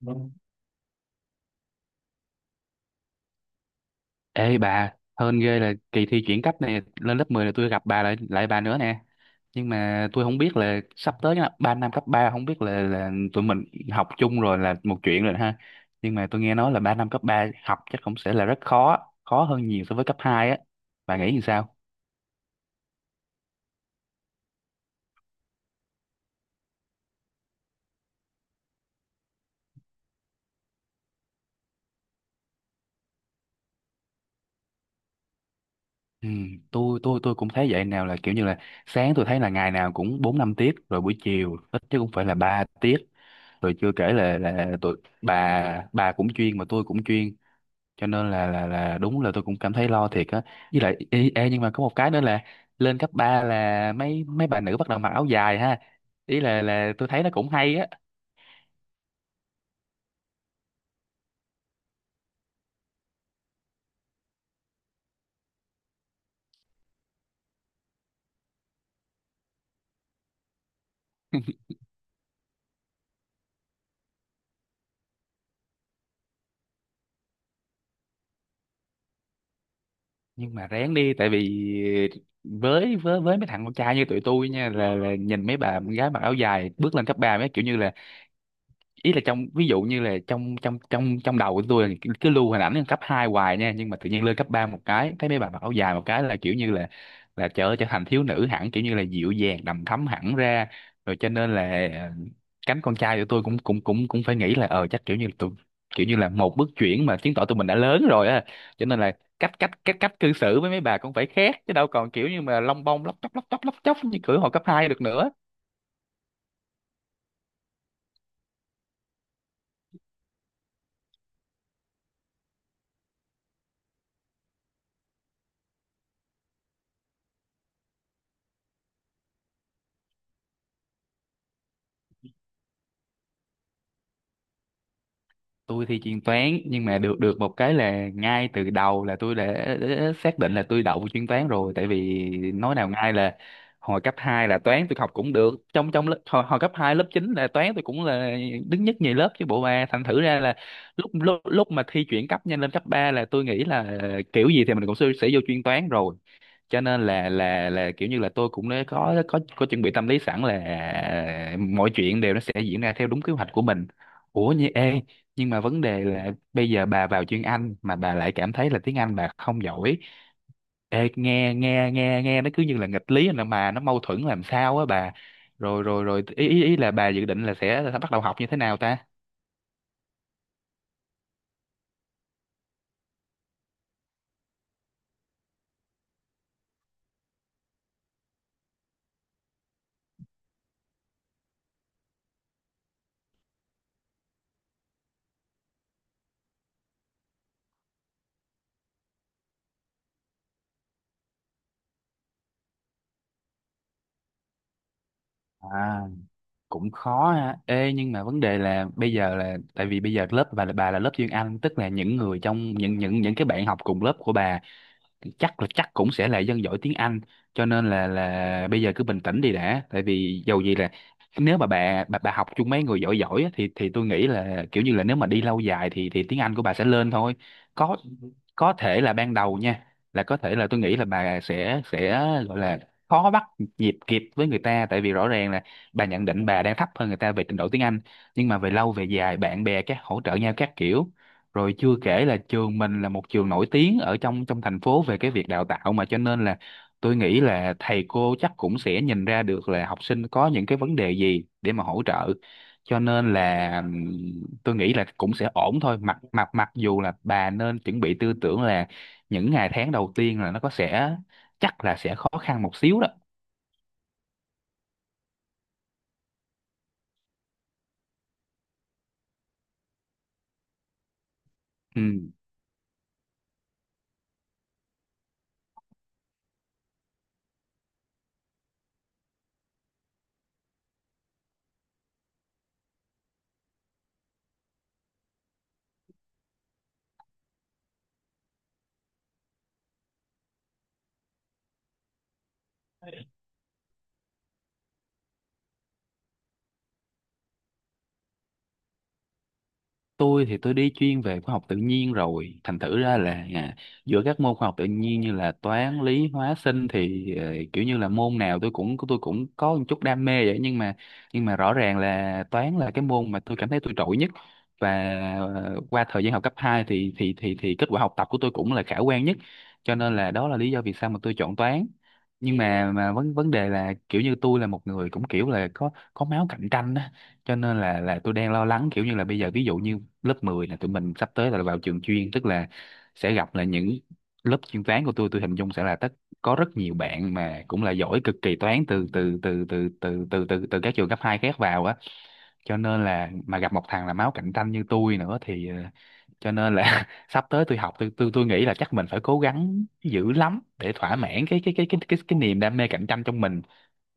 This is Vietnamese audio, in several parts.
Vâng. Ê bà, hên ghê là kỳ thi chuyển cấp này lên lớp 10 là tôi gặp bà lại lại bà nữa nè. Nhưng mà tôi không biết là sắp tới nha, 3 năm cấp 3 không biết là tụi mình học chung rồi là một chuyện rồi ha. Nhưng mà tôi nghe nói là 3 năm cấp 3 học chắc cũng sẽ là rất khó, khó hơn nhiều so với cấp 2 á. Bà nghĩ như sao? Ừ, tôi cũng thấy vậy, nào là kiểu như là sáng tôi thấy là ngày nào cũng 4 5 tiết, rồi buổi chiều ít chứ cũng phải là 3 tiết, rồi chưa kể là tụi bà cũng chuyên mà tôi cũng chuyên, cho nên là đúng là tôi cũng cảm thấy lo thiệt á. Với lại ê, ê, nhưng mà có một cái nữa là lên cấp 3 là mấy mấy bà nữ bắt đầu mặc áo dài ha, ý là tôi thấy nó cũng hay á. Nhưng mà ráng đi, tại vì với mấy thằng con trai như tụi tôi nha, là nhìn mấy bà gái mặc áo dài bước lên cấp 3 mấy kiểu như là ý là trong, ví dụ như là trong trong trong trong đầu của tôi là cứ cứ lưu hình ảnh cấp 2 hoài nha, nhưng mà tự nhiên lên cấp 3 một cái thấy mấy bà mặc áo dài một cái là kiểu như là trở trở thành thiếu nữ hẳn, kiểu như là dịu dàng đầm thắm hẳn ra rồi. Cho nên là cánh con trai của tôi cũng cũng cũng cũng phải nghĩ là chắc kiểu như là tụi, kiểu như là một bước chuyển mà chứng tỏ tụi mình đã lớn rồi á, cho nên là cách cách cách cách cư xử với mấy bà cũng phải khác, chứ đâu còn kiểu như mà lông bông lóc chóc như kiểu hồi cấp 2 được nữa. Tôi thì chuyên toán, nhưng mà được được một cái là ngay từ đầu là đã xác định là tôi đậu chuyên toán rồi. Tại vì nói nào ngay là hồi cấp 2 là toán tôi học cũng được, trong trong lớp hồi cấp 2 lớp 9 là toán tôi cũng là đứng nhất nhì lớp chứ bộ ba, thành thử ra là lúc lúc lúc mà thi chuyển cấp nhanh lên cấp 3 là tôi nghĩ là kiểu gì thì mình sẽ vô chuyên toán rồi, cho nên là kiểu như là tôi cũng đã có chuẩn bị tâm lý sẵn là mọi chuyện đều nó sẽ diễn ra theo đúng kế hoạch của mình. Ủa như ê, nhưng mà vấn đề là bây giờ bà vào chuyên Anh mà bà lại cảm thấy là tiếng Anh bà không giỏi. Ê, nghe nghe nghe nghe nó cứ như là nghịch lý, là mà nó mâu thuẫn làm sao á bà. Rồi rồi rồi ý ý ý là bà dự định là sẽ bắt đầu học như thế nào ta? À, cũng khó ha. Ê, nhưng mà vấn đề là bây giờ là tại vì bây giờ lớp bà là lớp chuyên Anh, tức là những người trong những cái bạn học cùng lớp của bà chắc là chắc cũng sẽ là dân giỏi tiếng Anh, cho nên là bây giờ cứ bình tĩnh đi đã, tại vì dầu gì là nếu mà bà học chung mấy người giỏi giỏi á, thì tôi nghĩ là kiểu như là nếu mà đi lâu dài thì tiếng Anh của bà sẽ lên thôi. có có thể là ban đầu nha, là có thể là tôi nghĩ là bà sẽ gọi là khó bắt nhịp kịp với người ta, tại vì rõ ràng là bà nhận định bà đang thấp hơn người ta về trình độ tiếng Anh. Nhưng mà về lâu về dài bạn bè các hỗ trợ nhau các kiểu, rồi chưa kể là trường mình là một trường nổi tiếng ở trong trong thành phố về cái việc đào tạo mà, cho nên là tôi nghĩ là thầy cô chắc cũng sẽ nhìn ra được là học sinh có những cái vấn đề gì để mà hỗ trợ. Cho nên là tôi nghĩ là cũng sẽ ổn thôi, mặc mặc mặc dù là bà nên chuẩn bị tư tưởng là những ngày tháng đầu tiên là nó có sẽ chắc là sẽ khó khăn một xíu đó. Ừ, tôi thì tôi đi chuyên về khoa học tự nhiên rồi, thành thử ra là giữa các môn khoa học tự nhiên như là toán lý hóa sinh thì kiểu như là môn nào tôi cũng có một chút đam mê vậy, nhưng mà rõ ràng là toán là cái môn mà tôi cảm thấy tôi trội nhất. Và qua thời gian học cấp 2 thì kết quả học tập của tôi cũng là khả quan nhất, cho nên là đó là lý do vì sao mà tôi chọn toán. Nhưng mà vấn vấn đề là kiểu như tôi là một người cũng kiểu là có máu cạnh tranh á, cho nên là tôi đang lo lắng kiểu như là bây giờ ví dụ như lớp 10 là tụi mình sắp tới là vào trường chuyên, tức là sẽ gặp là những lớp chuyên toán của tôi hình dung sẽ là tất có rất nhiều bạn mà cũng là giỏi cực kỳ toán từ từ từ từ từ từ từ từ các trường cấp 2 khác vào á, cho nên là mà gặp một thằng là máu cạnh tranh như tôi nữa thì cho nên là sắp tới tôi học, tôi nghĩ là chắc mình phải cố gắng dữ lắm để thỏa mãn cái niềm đam mê cạnh tranh trong mình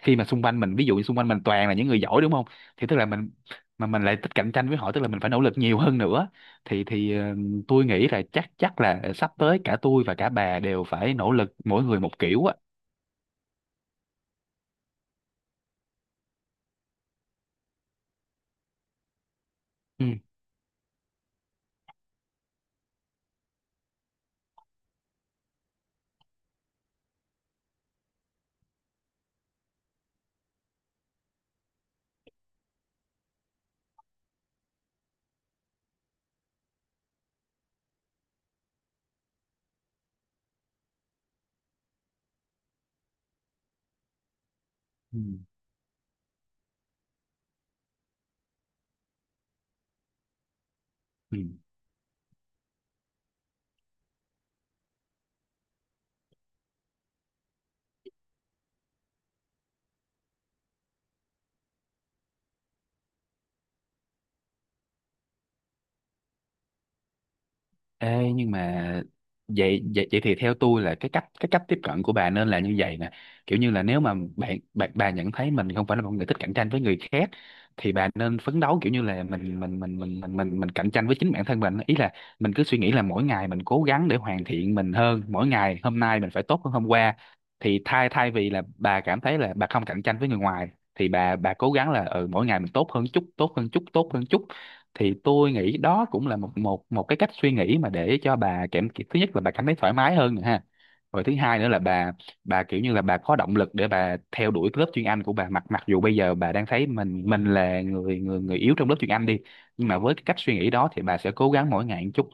khi mà xung quanh mình, ví dụ như xung quanh mình toàn là những người giỏi đúng không, thì tức là mình, mà mình lại thích cạnh tranh với họ tức là mình phải nỗ lực nhiều hơn nữa. Thì tôi nghĩ là chắc chắc là sắp tới cả tôi và cả bà đều phải nỗ lực mỗi người một kiểu á. Ừ. Ừ. Ừ. Ê, nhưng mà vậy, vậy thì theo tôi là cái cách tiếp cận của bà nên là như vậy nè, kiểu như là nếu mà bạn bạn bà nhận thấy mình không phải là một người thích cạnh tranh với người khác, thì bà nên phấn đấu kiểu như là mình cạnh tranh với chính bản thân mình. Ý là mình cứ suy nghĩ là mỗi ngày mình cố gắng để hoàn thiện mình hơn, mỗi ngày hôm nay mình phải tốt hơn hôm qua. Thì thay thay vì là bà cảm thấy là bà không cạnh tranh với người ngoài, thì bà cố gắng là ừ mỗi ngày mình tốt hơn chút, tốt hơn chút, tốt hơn chút, thì tôi nghĩ đó cũng là một một một cái cách suy nghĩ mà để cho bà cảm, thứ nhất là bà cảm thấy thoải mái hơn nè ha, rồi thứ hai nữa là bà kiểu như là bà có động lực để bà theo đuổi cái lớp chuyên Anh của bà, mặc mặc dù bây giờ bà đang thấy mình, là người người người yếu trong lớp chuyên Anh đi, nhưng mà với cái cách suy nghĩ đó thì bà sẽ cố gắng mỗi ngày một chút,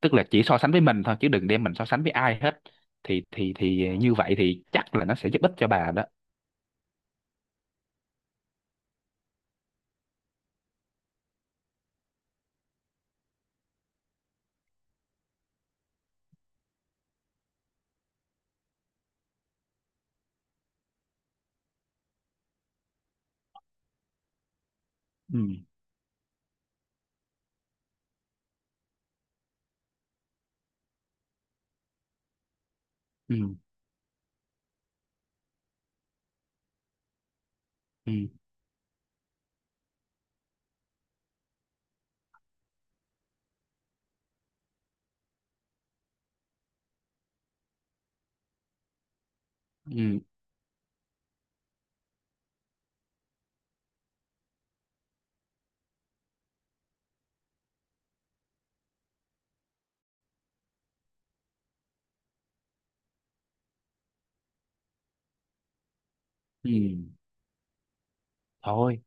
tức là chỉ so sánh với mình thôi, chứ đừng đem mình so sánh với ai hết, thì như vậy thì chắc là nó sẽ giúp ích cho bà đó. Ừ. ừ ừ ừ ừ Thôi.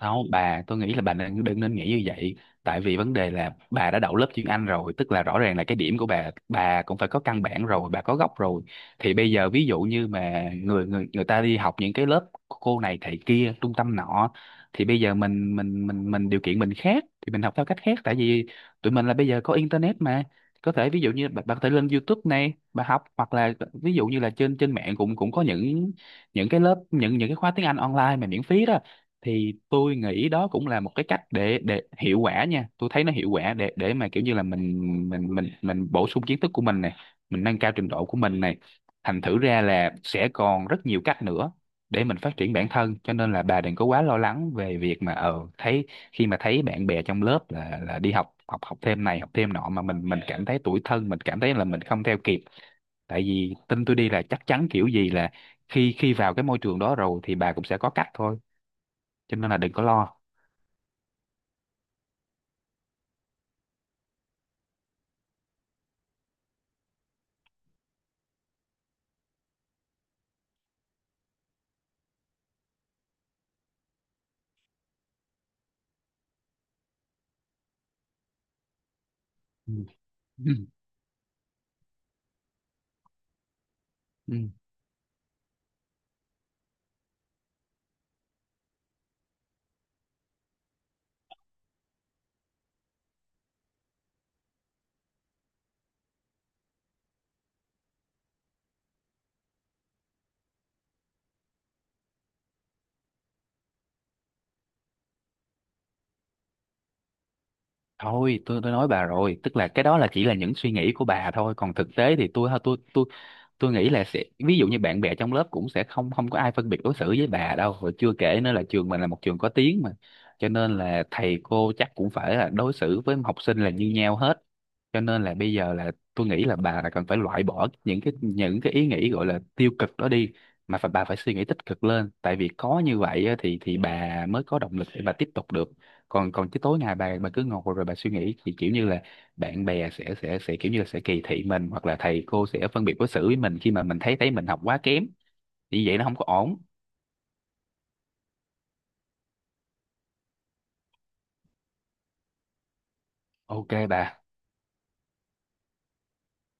Không, bà, tôi nghĩ là bà đừng nên nghĩ như vậy. Tại vì vấn đề là bà đã đậu lớp chuyên Anh rồi, tức là rõ ràng là cái điểm của bà cũng phải có căn bản rồi, bà có gốc rồi. Thì bây giờ ví dụ như mà người người người ta đi học những cái lớp cô này thầy kia, trung tâm nọ, thì bây giờ mình điều kiện mình khác, thì mình học theo cách khác. Tại vì tụi mình là bây giờ có internet mà, có thể ví dụ như bà có thể lên YouTube này, bà học, hoặc là ví dụ như là trên trên mạng cũng cũng có những cái lớp, những cái khóa tiếng Anh online mà miễn phí đó, thì tôi nghĩ đó cũng là một cái cách để hiệu quả nha, tôi thấy nó hiệu quả để mà kiểu như là mình bổ sung kiến thức của mình này, mình nâng cao trình độ của mình này, thành thử ra là sẽ còn rất nhiều cách nữa để mình phát triển bản thân, cho nên là bà đừng có quá lo lắng về việc mà thấy khi mà thấy bạn bè trong lớp là đi học, học thêm này học thêm nọ, mà mình cảm thấy tủi thân, mình cảm thấy là mình không theo kịp. Tại vì tin tôi đi là chắc chắn kiểu gì là khi khi vào cái môi trường đó rồi thì bà cũng sẽ có cách thôi, cho nên là đừng có lo. Ừ. Ừ. Ừ. Thôi tôi nói bà rồi, tức là cái đó là chỉ là những suy nghĩ của bà thôi, còn thực tế thì tôi nghĩ là sẽ ví dụ như bạn bè trong lớp cũng sẽ không không có ai phân biệt đối xử với bà đâu, rồi chưa kể nữa là trường mình là một trường có tiếng mà, cho nên là thầy cô chắc cũng phải là đối xử với học sinh là như nhau hết. Cho nên là bây giờ là tôi nghĩ là bà là cần phải loại bỏ những cái, ý nghĩ gọi là tiêu cực đó đi, mà phải bà phải suy nghĩ tích cực lên, tại vì có như vậy á, thì bà mới có động lực để bà tiếp tục được. Còn còn chứ tối ngày bà cứ ngồi rồi bà suy nghĩ, thì kiểu như là bạn bè sẽ kiểu như là sẽ kỳ thị mình, hoặc là thầy cô sẽ phân biệt đối xử với mình khi mà mình thấy thấy mình học quá kém, như vậy nó không có ổn. Ok bà.